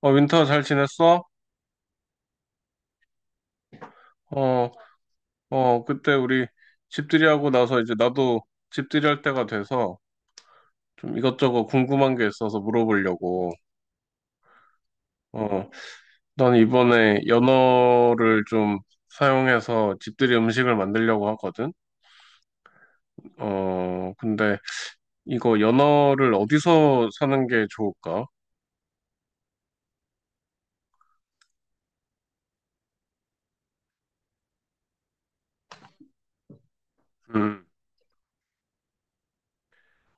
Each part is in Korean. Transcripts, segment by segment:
윈터 잘 지냈어? 어, 그때 우리 집들이하고 나서 이제 나도 집들이 할 때가 돼서 좀 이것저것 궁금한 게 있어서 물어보려고. 어, 난 이번에 연어를 좀 사용해서 집들이 음식을 만들려고 하거든. 근데 이거 연어를 어디서 사는 게 좋을까? 음,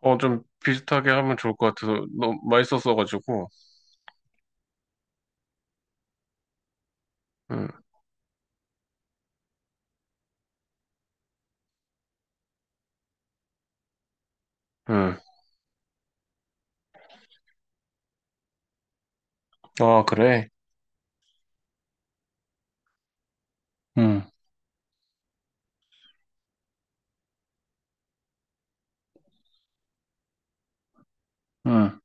좀 비슷하게 하면 좋을 것 같아서 너무 맛있었어가지고. 음, 음. 아, 그래? 음, 음,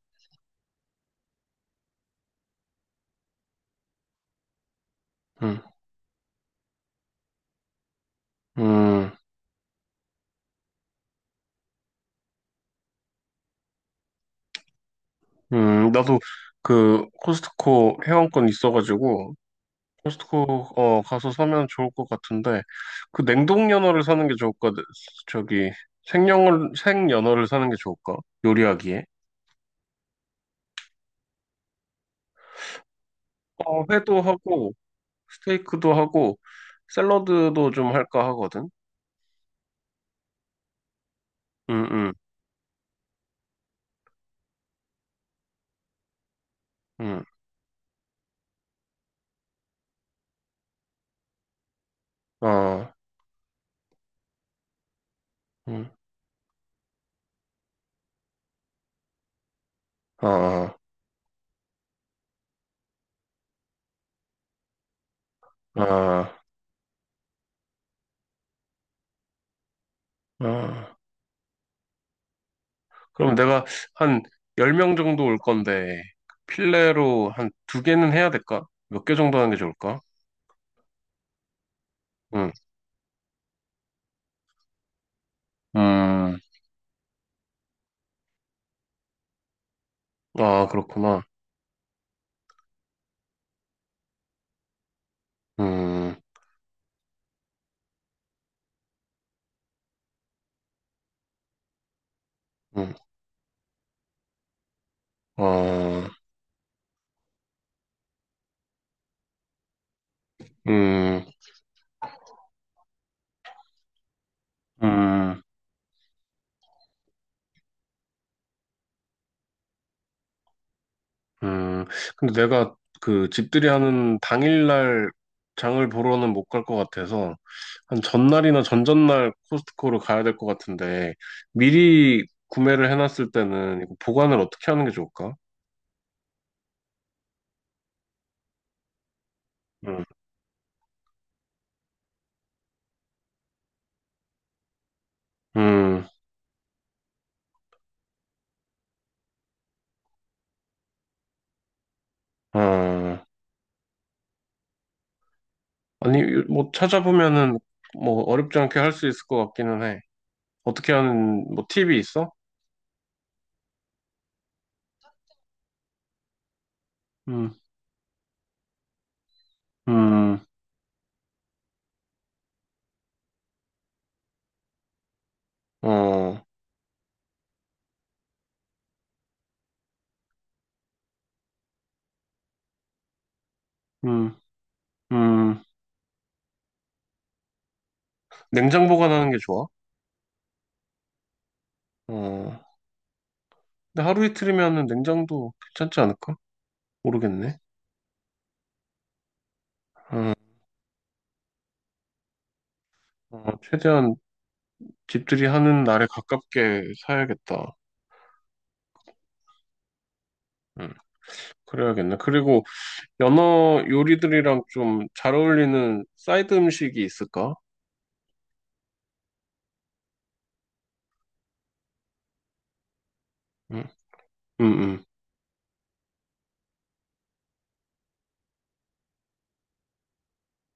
음. 음. 나도 그 코스트코 회원권 있어가지고 코스트코 가서 사면 좋을 것 같은데 그 냉동 연어를 사는 게 좋을까? 저기 생영을 생 연어를 사는 게 좋을까? 요리하기에. 회도 하고 스테이크도 하고 샐러드도 좀 할까 하거든. 음, 음, 아, 음. 아, 응 아, 아, 아. 그럼 내가 한 10명 정도 올 건데, 필레로 한 두 개는 해야 될까? 몇 개 정도 하는 게 좋을까? 응. 음, 아, 그렇구나. 음, 음, 어, 음, 음, 음. 근데 내가 그 집들이 하는 당일날 장을 보러는 못 갈 것 같아서, 한 전날이나 전전날 코스트코를 가야 될 것 같은데, 미리 구매를 해놨을 때는 이거 보관을 어떻게 하는 게 좋을까? 음, 음, 어. 아니, 뭐 찾아보면은 뭐 어렵지 않게 할 수 있을 것 같기는 해. 어떻게 하는 뭐 팁이 있어? 음, 음, 어, 음, 음. 냉장 보관하는 게 좋아. 어, 근데 하루 이틀이면은 냉장도 괜찮지 않을까? 모르겠네. 어, 최대한 집들이 하는 날에 가깝게 사야겠다. 음, 그래야겠네. 그리고 연어 요리들이랑 좀 잘 어울리는 사이드 음식이 있을까? 음, 음,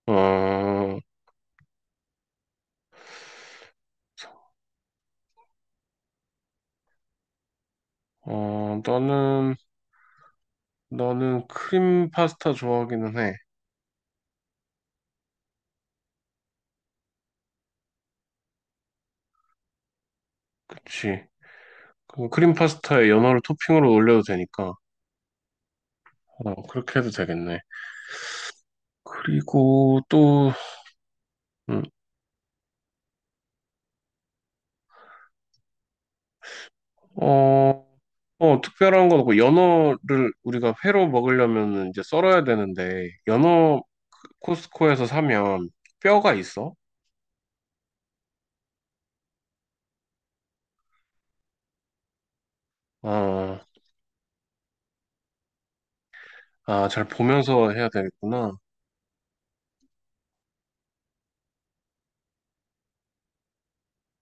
음. 어, 어, 나는 나는 크림 파스타 좋아하기는 해. 그치. 그 크림 파스타에 연어를 토핑으로 올려도 되니까. 그렇게 해도 되겠네. 그리고 또, 음, 어, 특별한 건 없고, 연어를 우리가 회로 먹으려면 이제 썰어야 되는데, 연어 코스코에서 사면 뼈가 있어? 아, 아, 잘 보면서 해야 되겠구나.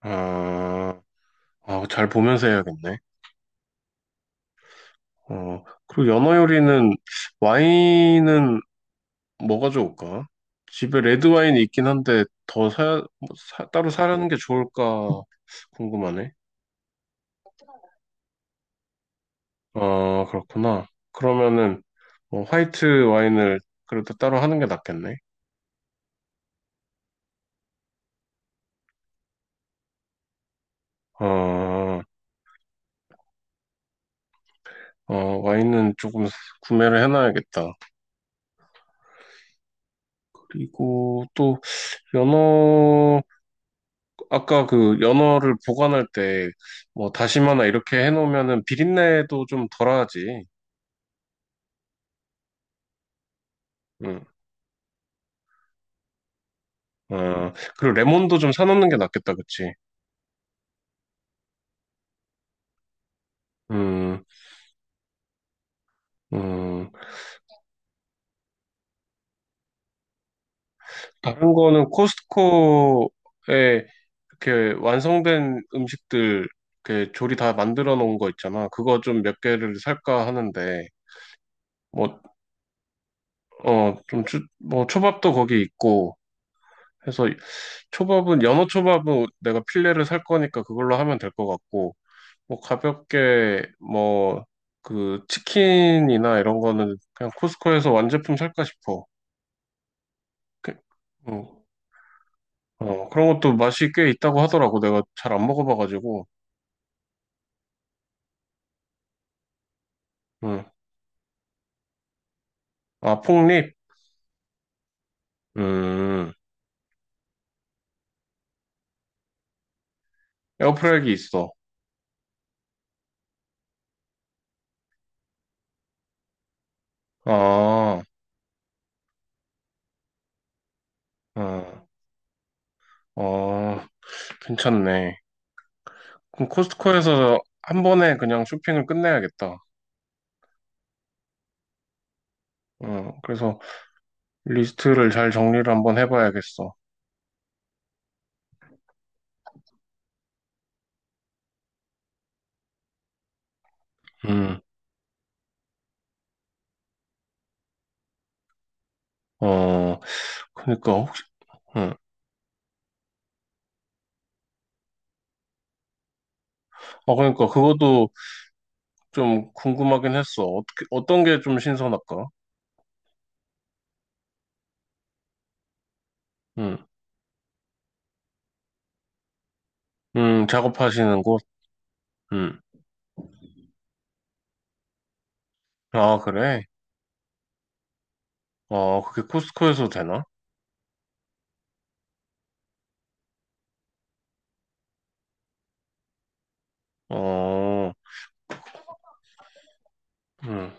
아, 아, 잘 보면서 해야겠네. 그리고 연어 요리는 와인은 뭐가 좋을까? 집에 레드 와인이 있긴 한데 더 사야 뭐 따로 사려는 게 좋을까 궁금하네. 아 그렇구나. 그러면은 뭐 화이트 와인을 그래도 따로 하는 게 낫겠네. 아, 어, 와인은 조금 구매를 해놔야겠다. 그리고 또 연어 아까 그 연어를 보관할 때 뭐 다시마나 이렇게 해놓으면은 비린내도 좀 덜하지. 응. 아 그리고 레몬도 좀 사놓는 게 낫겠다, 그치? 음. 음, 다른 거는 코스트코에 이렇게 완성된 음식들, 이렇게 조리 다 만들어 놓은 거 있잖아. 그거 좀 몇 개를 살까 하는데, 뭐, 좀, 뭐, 초밥도 거기 있고, 해서 초밥은, 연어 초밥은 내가 필레를 살 거니까 그걸로 하면 될 것 같고, 뭐, 가볍게, 뭐, 그, 치킨이나 이런 거는 그냥 코스트코에서 완제품 살까 싶어. 그, 음. 그런 것도 맛이 꽤 있다고 하더라고. 내가 잘 안 먹어봐가지고. 응. 아, 폭립? 음, 에어프라이기 있어. 아, 응. 어, 괜찮네. 그럼 코스트코에서 한 번에 그냥 쇼핑을 끝내야겠다. 응. 그래서 리스트를 잘 정리를 한번 해봐야겠어. 음, 어, 그니까, 혹시, 응. 아, 그니까, 그것도 좀 궁금하긴 했어. 어떻게, 어떤 게 좀 신선할까? 응. 작업하시는 곳? 응. 아, 그래? 아, 그게 코스코에서 되나? 어, 음,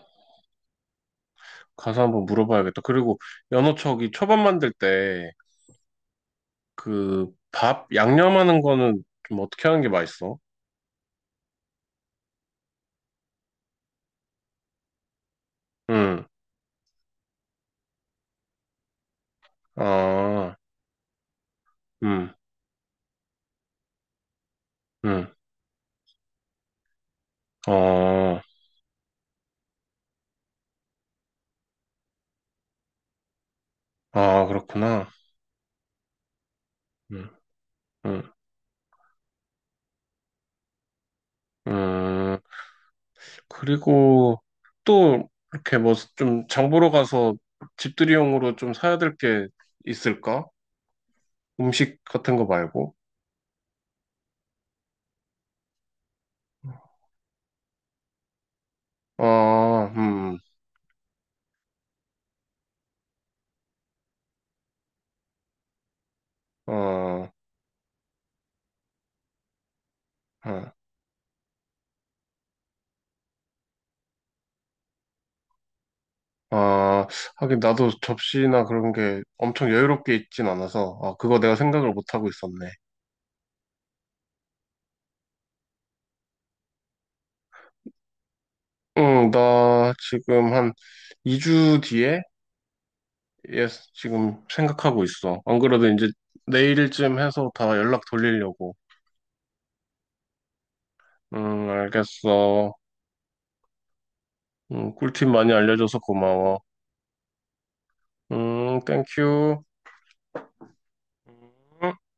가서 한번 물어봐야겠다. 그리고 연어척이 초밥 만들 때 그 밥 양념하는 거는 좀 어떻게 하는 게 맛있어? 음, 아, 음, 음, 어, 아, 그렇구나. 음, 음, 음. 그리고 또 이렇게 뭐 좀 장보러 가서 집들이용으로 좀 사야 될 게 있을까? 음식 같은 거 말고. 아, 어, 어. 아, 하긴 나도 접시나 그런 게 엄청 여유롭게 있진 않아서, 아, 그거 내가 생각을 못 하고 있었네. 응, 나 지금 한 2주 뒤에, 예, 지금 생각하고 있어. 안 그래도 이제 내일쯤 해서 다 연락 돌리려고. 응, 알겠어. 응, 꿀팁 많이 알려줘서 고마워. 응, 땡큐. 음.